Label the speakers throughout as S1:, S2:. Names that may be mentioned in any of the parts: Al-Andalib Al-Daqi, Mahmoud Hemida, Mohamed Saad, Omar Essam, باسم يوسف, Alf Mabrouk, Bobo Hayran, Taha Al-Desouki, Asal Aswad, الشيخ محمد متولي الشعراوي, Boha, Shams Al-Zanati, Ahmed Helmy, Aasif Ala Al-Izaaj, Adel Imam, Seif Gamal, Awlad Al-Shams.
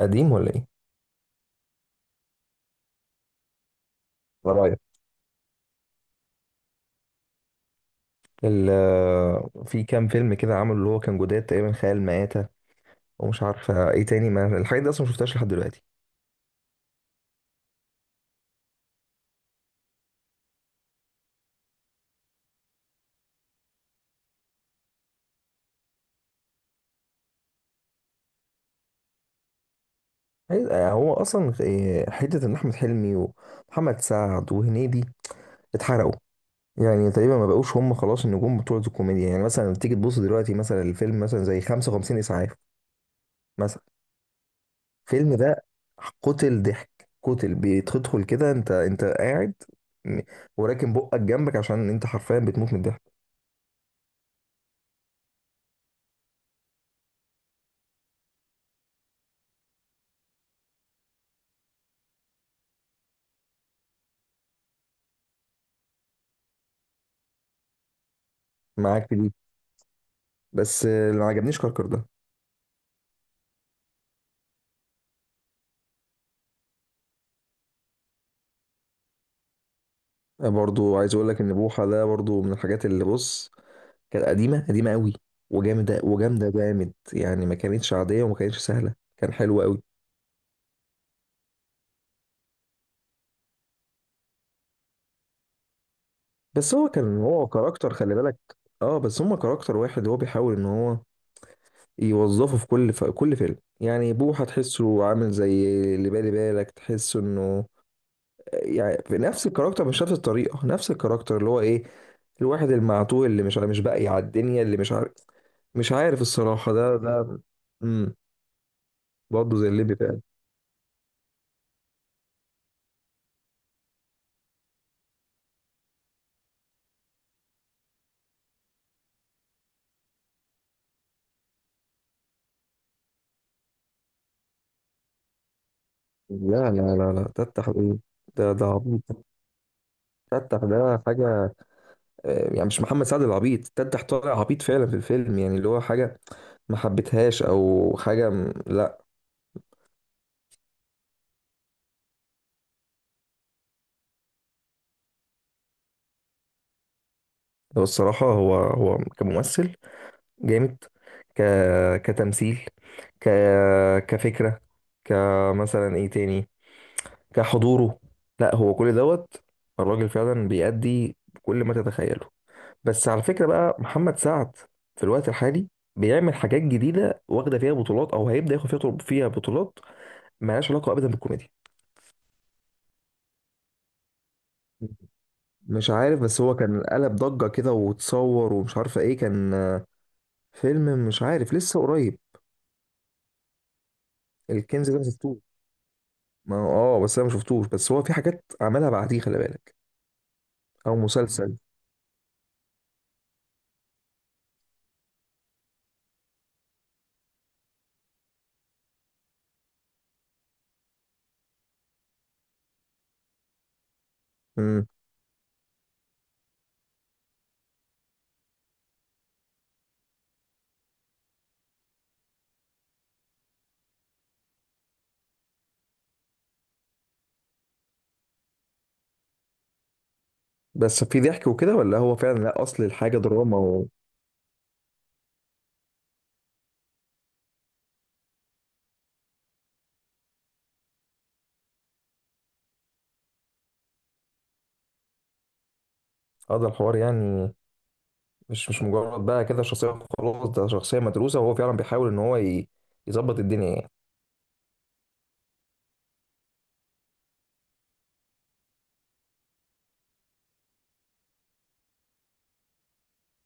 S1: قديم ولا ايه؟ ولا رايك؟ ال في كام فيلم كده عملوا اللي هو كان جداد تقريبا خيال مآتة. ومش عارفة ايه تاني، ما الحاجات دي اصلا ما شفتهاش لحد دلوقتي. هو اصلا إيه، حتة ان احمد حلمي ومحمد سعد وهنيدي اتحرقوا. يعني تقريبا ما بقوش هم خلاص النجوم بتوع الكوميديا. يعني مثلا تيجي تبص دلوقتي مثلا الفيلم مثلا زي 55 اسعاف مثلا. الفيلم ده قتل ضحك قتل، بتدخل كده انت قاعد، م- وراكن بقك جنبك عشان انت حرفيا بتموت من الضحك. معاك. بس اللي ما عجبنيش كركر ده. برضو عايز اقول لك ان بوحه ده برضو من الحاجات اللي بص، كانت قديمه قديمه قوي، وجامده جامد، يعني ما كانتش عاديه وما كانتش سهله، كان حلو قوي. بس هو كان هو كاركتر خلي بالك. اه بس هما كاركتر واحد، هو بيحاول ان هو يوظفه في كل فيلم. يعني بوحه تحسه عامل زي اللي بالي بالك، تحسه انه يعني في نفس الكاركتر، مش نفس الطريقه نفس الكاركتر، اللي هو ايه، الواحد المعتوه اللي مش باقي على الدنيا، اللي مش عارف، مش عارف الصراحة، ده. امم. برضه زي الليبي فعلا. لا لا لا لا، تفتح ايه؟ ده عبيط. تفتح ده حاجة. يعني مش محمد سعد العبيط، تفتح طالع عبيط فعلا في الفيلم. يعني اللي هو حاجة ما حبيتهاش، أو حاجة لا. هو الصراحة هو كممثل جامد، ك كتمثيل، ك كفكرة، كمثلا ايه تاني، كحضوره، لا هو كل دوت، الراجل فعلا بيأدي كل ما تتخيله. بس على فكرة بقى، محمد سعد في الوقت الحالي بيعمل حاجات جديدة واخدة فيها بطولات، أو هيبدأ ياخد فيها بطولات مالهاش علاقة أبدا بالكوميديا. مش عارف، بس هو كان قلب ضجة كده وتصور ومش عارفة ايه، كان فيلم، مش عارف، لسه قريب. الكنز ده ما شفتوش. ما اه بس انا ما شفتوش، بس هو في حاجات عملها بعديه خلي بالك، او مسلسل. امم. بس في ضحك وكده ولا هو فعلا؟ لا اصل الحاجة دراما. وهذا الحوار يعني، مش مجرد بقى كده شخصية، خلاص ده شخصية مدروسة وهو فعلا بيحاول إن هو يظبط الدنيا يعني.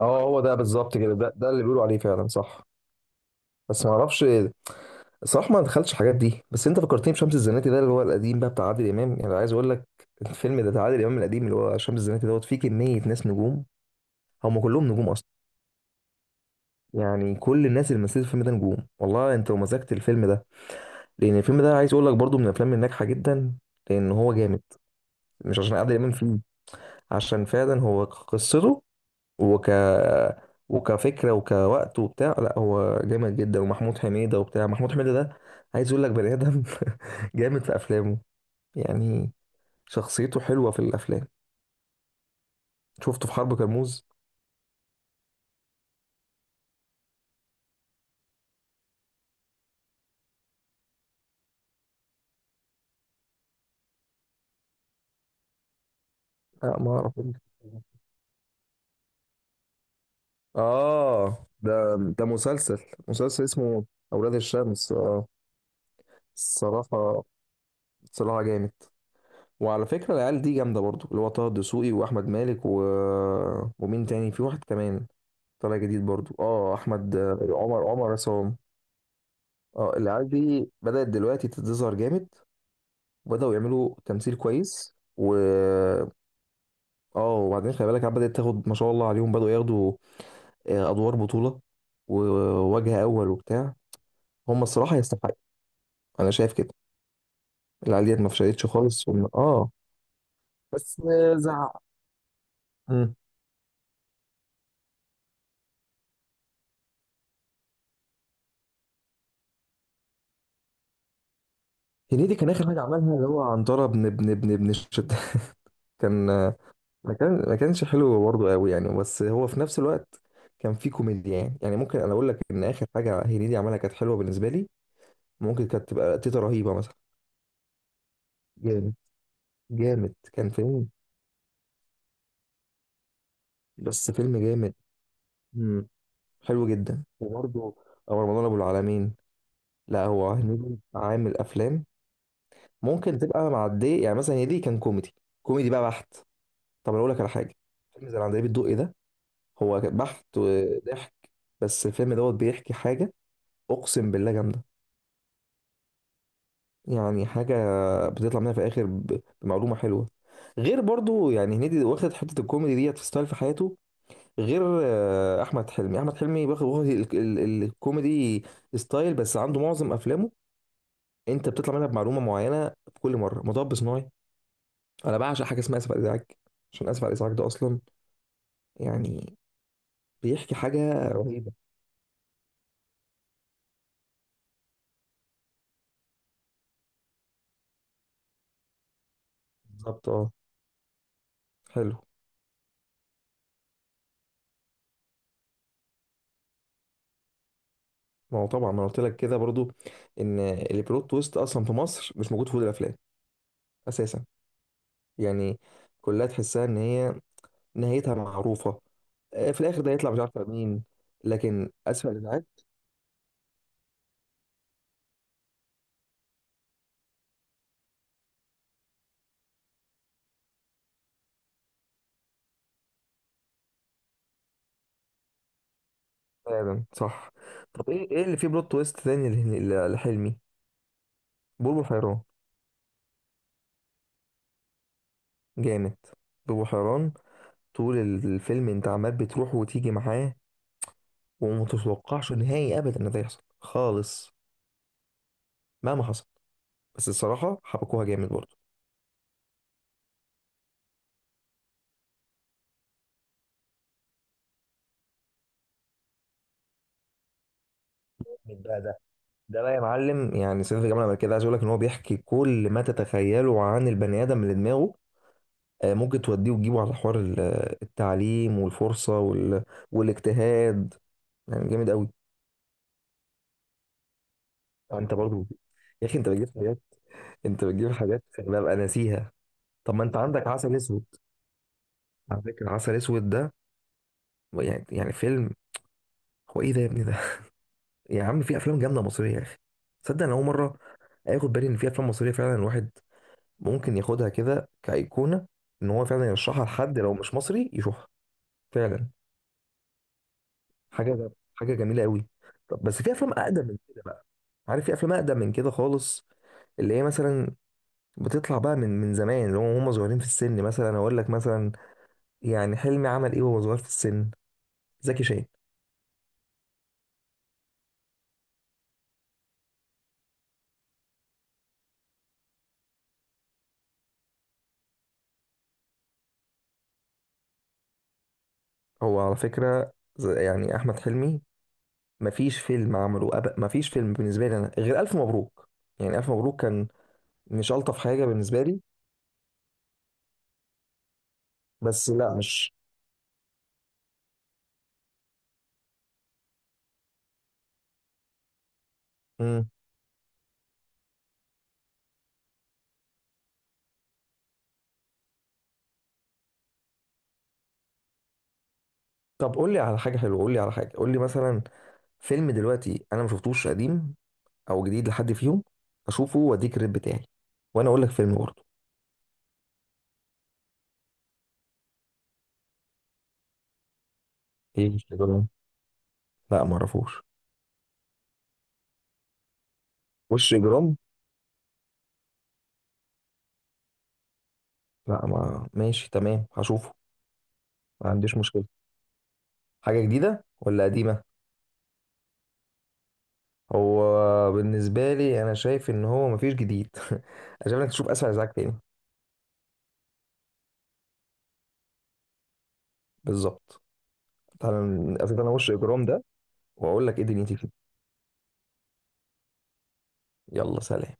S1: اه هو ده بالظبط كده، ده اللي بيقولوا عليه فعلا، صح. بس ما اعرفش الصراحة، ما دخلتش الحاجات دي، بس انت فكرتني بشمس الزناتي ده اللي هو القديم بقى بتاع عادل إمام، يعني عايز اقول لك، الفيلم ده بتاع عادل إمام القديم اللي هو شمس الزناتي دوت، فيه كمية ناس نجوم، هم كلهم نجوم اصلا. يعني كل الناس اللي مثلت الفيلم ده نجوم والله. انت لو مزجت الفيلم ده، لان الفيلم ده عايز اقول لك برضو من الافلام الناجحة جدا، لان هو جامد، مش عشان عادل إمام فيه، عشان فعلا هو قصته، وك وكفكره وكوقت وبتاع، لا هو جامد جدا. ومحمود حميده وبتاع، محمود حميده ده عايز اقول لك بني ادم، جامد في افلامه يعني، شخصيته حلوه في الافلام. شفته في حرب كرموز. لا ما اعرف إيه. اه ده مسلسل، مسلسل اسمه اولاد الشمس، اه. الصراحه، صراحه جامد. وعلى فكره العيال دي جامده برضو، اللي هو طه الدسوقي واحمد مالك و... ومين تاني، في واحد كمان طالع جديد برضو، احمد عمر عصام. اه العيال دي بدأت دلوقتي تظهر جامد، وبدأوا يعملوا تمثيل كويس و... اه وبعدين خلي بالك، العيال بدأت تاخد ما شاء الله عليهم، بدأوا ياخدوا أدوار بطولة ووجه أول وبتاع. هم الصراحة يستحقوا. أنا شايف كده، العيال ديت ما فشلتش خالص وم... اه. بس زعق. مم. هنيدي كان آخر حاجة عملها اللي هو عنترة بن الشتاء، كان، ما كانش حلو برضه قوي يعني، بس هو في نفس الوقت كان فيه كوميديا. يعني ممكن انا اقول لك ان اخر حاجه هنيدي عملها كانت حلوه بالنسبه لي. ممكن كانت تبقى تيتا رهيبه مثلا، جامد، جامد كان فيلم، بس فيلم جامد. امم. حلو جدا. وبرضه او رمضان ابو العالمين، لا هو هنيدي عامل افلام ممكن تبقى معديه. يعني مثلا هنيدي كان كوميدي، كوميدي بقى بحت. طب انا اقول لك على حاجه، فيلم زي العندليب الدقي ده، هو بحت وضحك، بس الفيلم دوت بيحكي حاجه اقسم بالله جامده. يعني حاجة بتطلع منها في الآخر بمعلومة حلوة. غير برضو يعني هنيدي واخد حتة الكوميدي ديت في ستايل في حياته. غير أحمد حلمي واخد الكوميدي ستايل. بس عنده معظم أفلامه أنت بتطلع منها بمعلومة معينة. بكل مرة مطب صناعي. أنا بعشق حاجة اسمها آسف على الإزعاج، عشان آسف على الإزعاج ده أصلا يعني بيحكي حاجة رهيبة. بالظبط أه. حلو. ما هو طبعا ما أنا قلت لك كده برضو، إن البلوت تويست أصلا في مصر مش موجود في كل الأفلام أساسا، يعني كلها تحسها ان هي نهايتها معروفه. في الاخر ده يطلع مش عارفه مين، لكن اسفل الازعاج، فعلا صح. طب ايه اللي فيه بلوت تويست تاني لحلمي؟ بوبو حيران، جامد. بوبو حيران، طول الفيلم انت عمال بتروح وتيجي معاه، ومتتوقعش نهائي ابدا ان ده يحصل خالص، مهما حصل. بس الصراحه حبكوها جامد برضه. جامد بقى ده. ده بقى يا معلم، يعني سيف جمال عمل كده عايز اقول لك ان هو بيحكي كل ما تتخيله عن البني ادم اللي دماغه ممكن توديه وتجيبه، على حوار التعليم والفرصة وال... والاجتهاد. يعني جامد قوي. انت برضو. يا اخي انت بتجيب حاجات، انت بتجيب حاجات ببقى ناسيها. طب ما انت عندك عسل اسود. على فكرة عسل اسود ده، يعني فيلم، هو ايه ده يا ابني ده. يا عم في افلام جامدة مصرية يا اخي. تصدق انا اول مرة اخد بالي ان في افلام مصرية فعلا الواحد ممكن ياخدها كده كأيقونة، ان هو فعلا يرشحها لحد لو مش مصري يشوفها، فعلا. حاجة جميلة قوي. طب بس في افلام اقدم من كده بقى. عارف في افلام اقدم من كده خالص، اللي هي مثلا بتطلع بقى من زمان، اللي هم صغيرين في السن. مثلا اقول لك مثلا، يعني حلمي عمل ايه وهو صغير في السن؟ زكي شان. هو على فكره يعني احمد حلمي مفيش فيلم عمله مفيش فيلم بالنسبه لي انا غير الف مبروك. يعني الف مبروك كان مش الطف حاجه بالنسبه لي. بس لا مش. مم. طب قول لي على حاجه حلوه، قول لي على حاجه، قول لي مثلا فيلم دلوقتي انا ما شفتوش قديم او جديد لحد فيهم، اشوفه واديك الريت بتاعي، وانا اقول لك فيلم برضه. ايه وش اجرام؟ لا ما اعرفوش. وش اجرام؟ لا ما، ماشي تمام هشوفه. ما عنديش مشكله، حاجه جديده ولا قديمه. هو بالنسبه لي انا شايف ان هو مفيش جديد. انا شايف انك تشوف اسفل ازعاج تاني. بالظبط. تعالى نقفل، انا وش اجرام ده واقول لك ايه دنيتي فيه. يلا سلام.